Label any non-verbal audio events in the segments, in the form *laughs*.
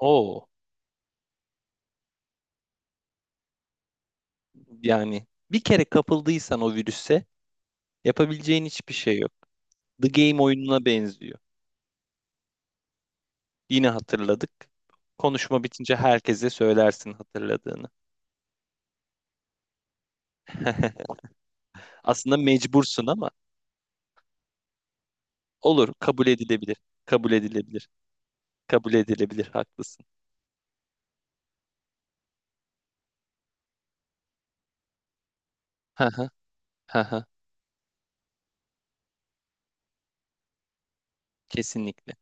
O yani bir kere kapıldıysan o virüse yapabileceğin hiçbir şey yok. The Game oyununa benziyor. Yine hatırladık. Konuşma bitince herkese söylersin hatırladığını. *laughs* Aslında mecbursun ama olur, kabul edilebilir. Kabul edilebilir. Kabul edilebilir, haklısın. Haha, haha, kesinlikle.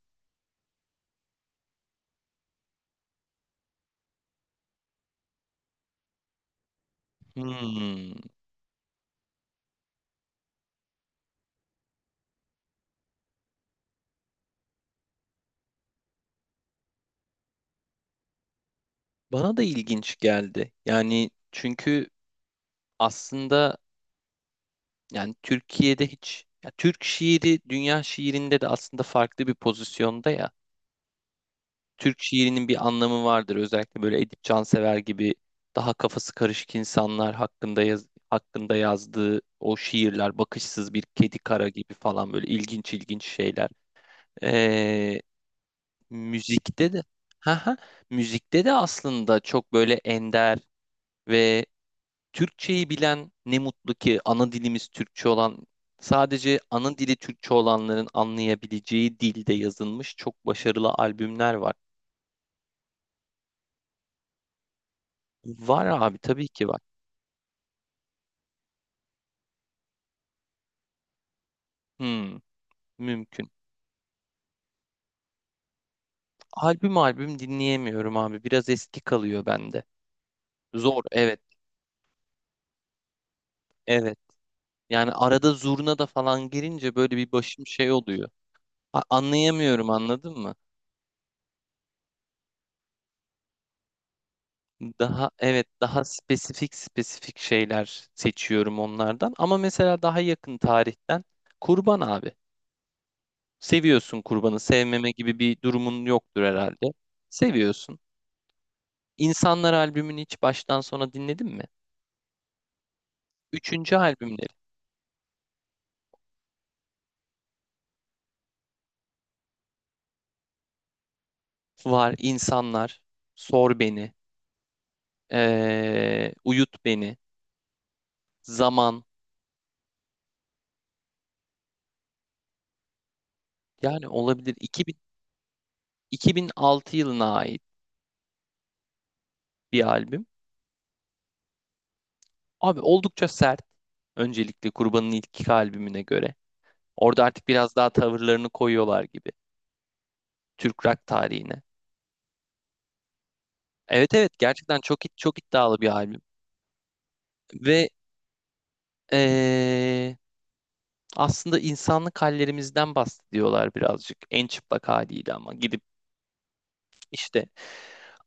Hmm. Bana da ilginç geldi. Yani çünkü aslında, yani Türkiye'de hiç ya, Türk şiiri dünya şiirinde de aslında farklı bir pozisyonda ya. Türk şiirinin bir anlamı vardır. Özellikle böyle Edip Cansever gibi daha kafası karışık insanlar hakkında hakkında yazdığı o şiirler, bakışsız bir kedi kara gibi falan, böyle ilginç ilginç şeyler. Ee, müzikte de ha ha müzikte de aslında çok böyle ender ve Türkçeyi bilen, ne mutlu ki ana dilimiz Türkçe olan, sadece ana dili Türkçe olanların anlayabileceği dilde yazılmış çok başarılı albümler var. Var abi, tabii ki var. Hmm, mümkün. Albüm albüm dinleyemiyorum abi. Biraz eski kalıyor bende. Zor, evet evet. Yani arada zurna da falan girince böyle bir başım şey oluyor. Anlayamıyorum, anladın mı? Daha evet, daha spesifik spesifik şeyler seçiyorum onlardan. Ama mesela daha yakın tarihten, kurban abi. Seviyorsun kurbanı. Sevmeme gibi bir durumun yoktur herhalde. Seviyorsun. İnsanlar albümünü hiç baştan sona dinledin mi? Üçüncü albümleri var. İnsanlar, Sor Beni, Uyut Beni, Zaman. Yani olabilir 2000, 2006 yılına ait bir albüm. Abi oldukça sert. Öncelikle Kurban'ın ilk iki albümüne göre. Orada artık biraz daha tavırlarını koyuyorlar gibi Türk rock tarihine. Evet evet, gerçekten çok çok iddialı bir albüm ve eee, aslında insanlık hallerimizden bahsediyorlar birazcık en çıplak haliyle, ama gidip işte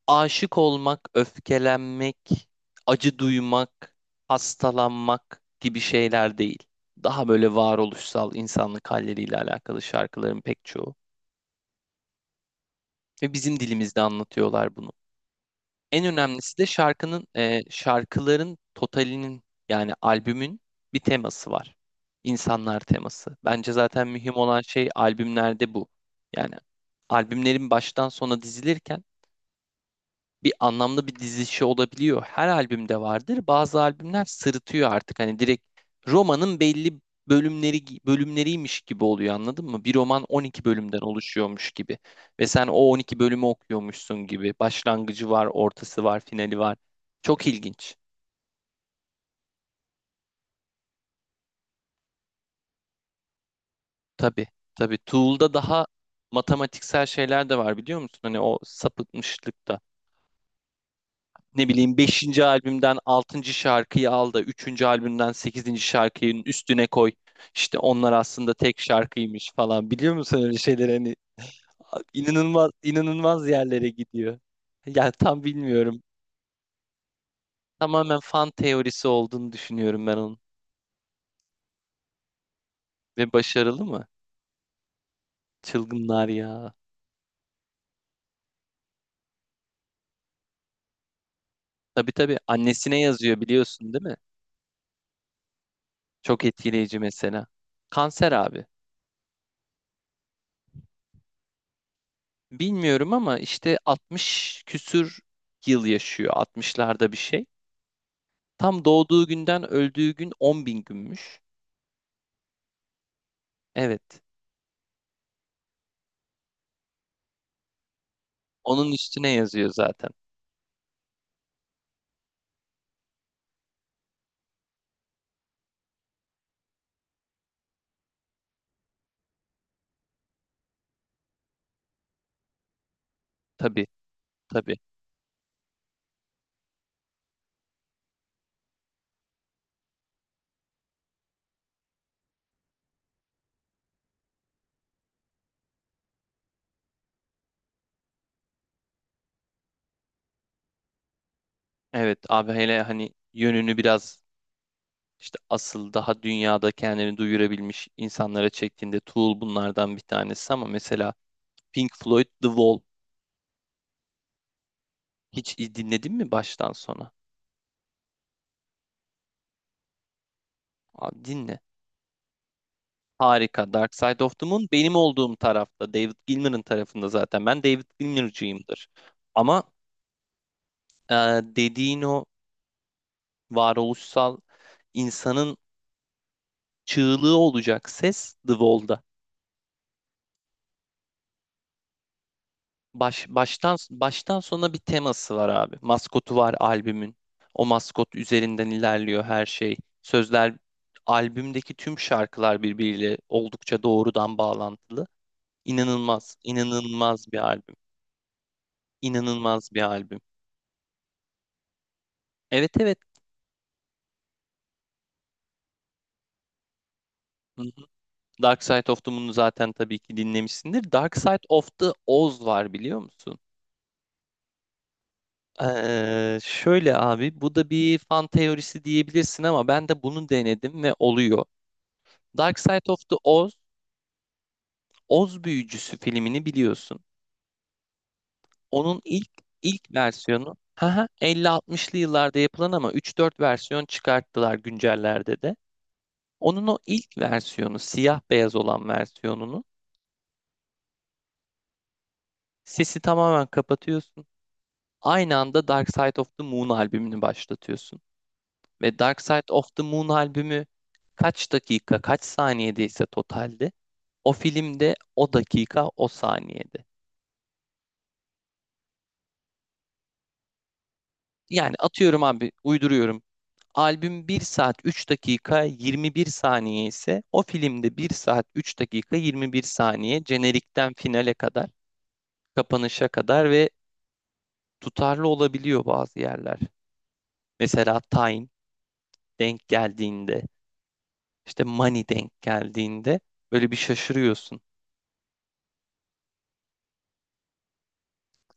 aşık olmak, öfkelenmek, acı duymak, hastalanmak gibi şeyler değil. Daha böyle varoluşsal insanlık halleriyle alakalı şarkıların pek çoğu ve bizim dilimizde anlatıyorlar bunu. En önemlisi de şarkıların totalinin, yani albümün bir teması var. İnsanlar teması. Bence zaten mühim olan şey albümlerde bu. Yani albümlerin baştan sona dizilirken bir anlamlı bir dizilişi olabiliyor. Her albümde vardır. Bazı albümler sırıtıyor artık. Hani direkt romanın belli bölümleriymiş gibi oluyor, anladın mı? Bir roman 12 bölümden oluşuyormuş gibi. Ve sen o 12 bölümü okuyormuşsun gibi. Başlangıcı var, ortası var, finali var. Çok ilginç. Tabii, tabii. Tool'da daha matematiksel şeyler de var, biliyor musun? Hani o sapıtmışlık da, ne bileyim, beşinci albümden altıncı şarkıyı al da 3. albümden sekizinci şarkının üstüne koy. İşte onlar aslında tek şarkıymış falan. Biliyor musun, öyle şeyleri hani inanılmaz inanılmaz yerlere gidiyor. Yani tam bilmiyorum. Tamamen fan teorisi olduğunu düşünüyorum ben onun. Ve başarılı mı? Çılgınlar ya. Tabii tabii, annesine yazıyor, biliyorsun değil mi? Çok etkileyici mesela. Kanser abi. Bilmiyorum ama işte 60 küsür yıl yaşıyor. Altmışlarda bir şey. Tam doğduğu günden öldüğü gün 10 bin günmüş. Evet. Onun üstüne yazıyor zaten. Tabii tabii. Evet abi, hele hani yönünü biraz işte asıl daha dünyada kendini duyurabilmiş insanlara çektiğinde, Tool bunlardan bir tanesi ama mesela Pink Floyd The Wall hiç dinledin mi baştan sona? Abi dinle. Harika. Dark Side of the Moon benim olduğum tarafta. David Gilmour'un tarafında zaten. Ben David Gilmour'cuyumdur. Ama e, dediğin o varoluşsal insanın çığlığı olacak ses The Wall'da. Baştan sona bir teması var abi. Maskotu var albümün. O maskot üzerinden ilerliyor her şey. Sözler, albümdeki tüm şarkılar birbiriyle oldukça doğrudan bağlantılı. İnanılmaz, inanılmaz bir albüm. İnanılmaz bir albüm. Evet evet. Hı hı. Dark Side of the Moon'u zaten tabii ki dinlemişsindir. Dark Side of the Oz var, biliyor musun? Şöyle abi, bu da bir fan teorisi diyebilirsin ama ben de bunu denedim ve oluyor. Dark Side of the Oz, Oz Büyücüsü filmini biliyorsun. Onun ilk versiyonu, 50-60'lı yıllarda yapılan ama 3-4 versiyon çıkarttılar güncellerde de. Onun o ilk versiyonu, siyah beyaz olan versiyonunu, sesi tamamen kapatıyorsun. Aynı anda Dark Side of the Moon albümünü başlatıyorsun. Ve Dark Side of the Moon albümü kaç dakika, kaç saniyedeyse totalde, o filmde o dakika, o saniyede. Yani atıyorum abi, uyduruyorum. Albüm 1 saat 3 dakika 21 saniye ise, o filmde 1 saat 3 dakika 21 saniye jenerikten finale kadar, kapanışa kadar. Ve tutarlı olabiliyor bazı yerler. Mesela Time denk geldiğinde, işte Money denk geldiğinde böyle bir şaşırıyorsun.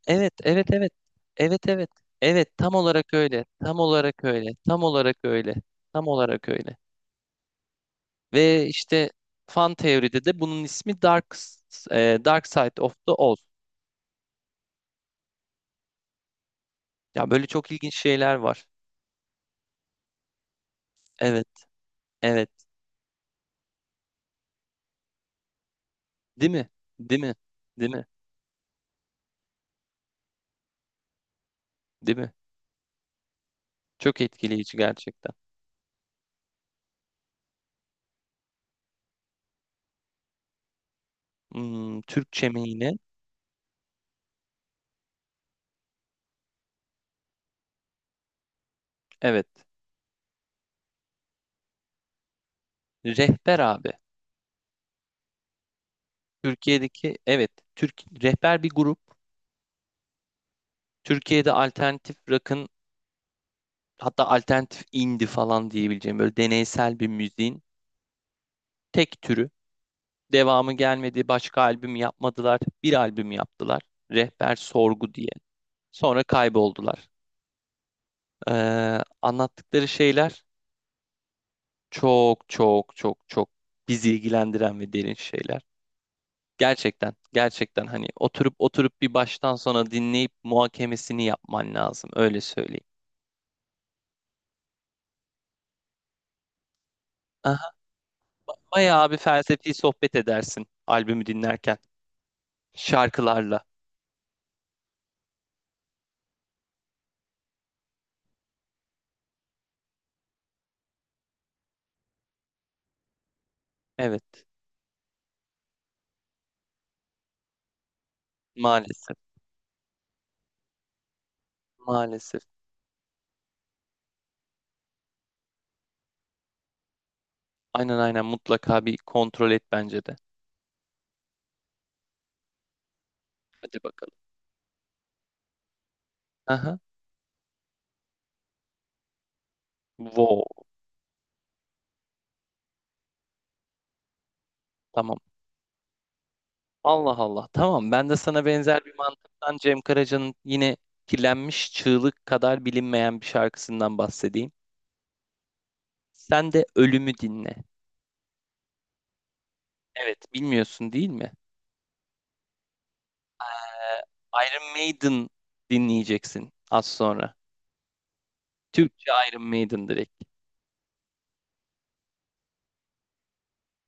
Evet, evet, evet. Evet, evet. Evet, tam olarak öyle. Tam olarak öyle. Tam olarak öyle. Tam olarak öyle. Ve işte fan teoride de bunun ismi Dark Side of the Oz. Ya böyle çok ilginç şeyler var. Evet, evet. Değil mi? Değil mi? Değil mi? Değil mi? Çok etkileyici gerçekten. Hmm, Türkçe mi yine? Evet. Rehber abi. Türkiye'deki, evet. Türk, rehber bir grup. Türkiye'de alternatif rock'ın, hatta alternatif indie falan diyebileceğim böyle deneysel bir müziğin tek türü. Devamı gelmedi, başka albüm yapmadılar. Bir albüm yaptılar. Rehber Sorgu diye. Sonra kayboldular. Anlattıkları şeyler çok çok çok çok bizi ilgilendiren ve derin şeyler. Gerçekten, gerçekten hani oturup oturup bir baştan sona dinleyip muhakemesini yapman lazım. Öyle söyleyeyim. Aha, bayağı bir felsefi sohbet edersin albümü dinlerken, şarkılarla. Evet. Maalesef. Maalesef. Aynen aynen, mutlaka bir kontrol et bence de. Hadi bakalım. Aha. Wow. Tamam. Allah Allah. Tamam. Ben de sana benzer bir mantıktan Cem Karaca'nın yine kirlenmiş çığlık kadar bilinmeyen bir şarkısından bahsedeyim. Sen de ölümü dinle. Evet, bilmiyorsun değil mi? Ee, Iron Maiden dinleyeceksin az sonra. Türkçe Iron Maiden direkt.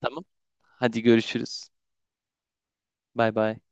Tamam. Hadi görüşürüz. Bay bay.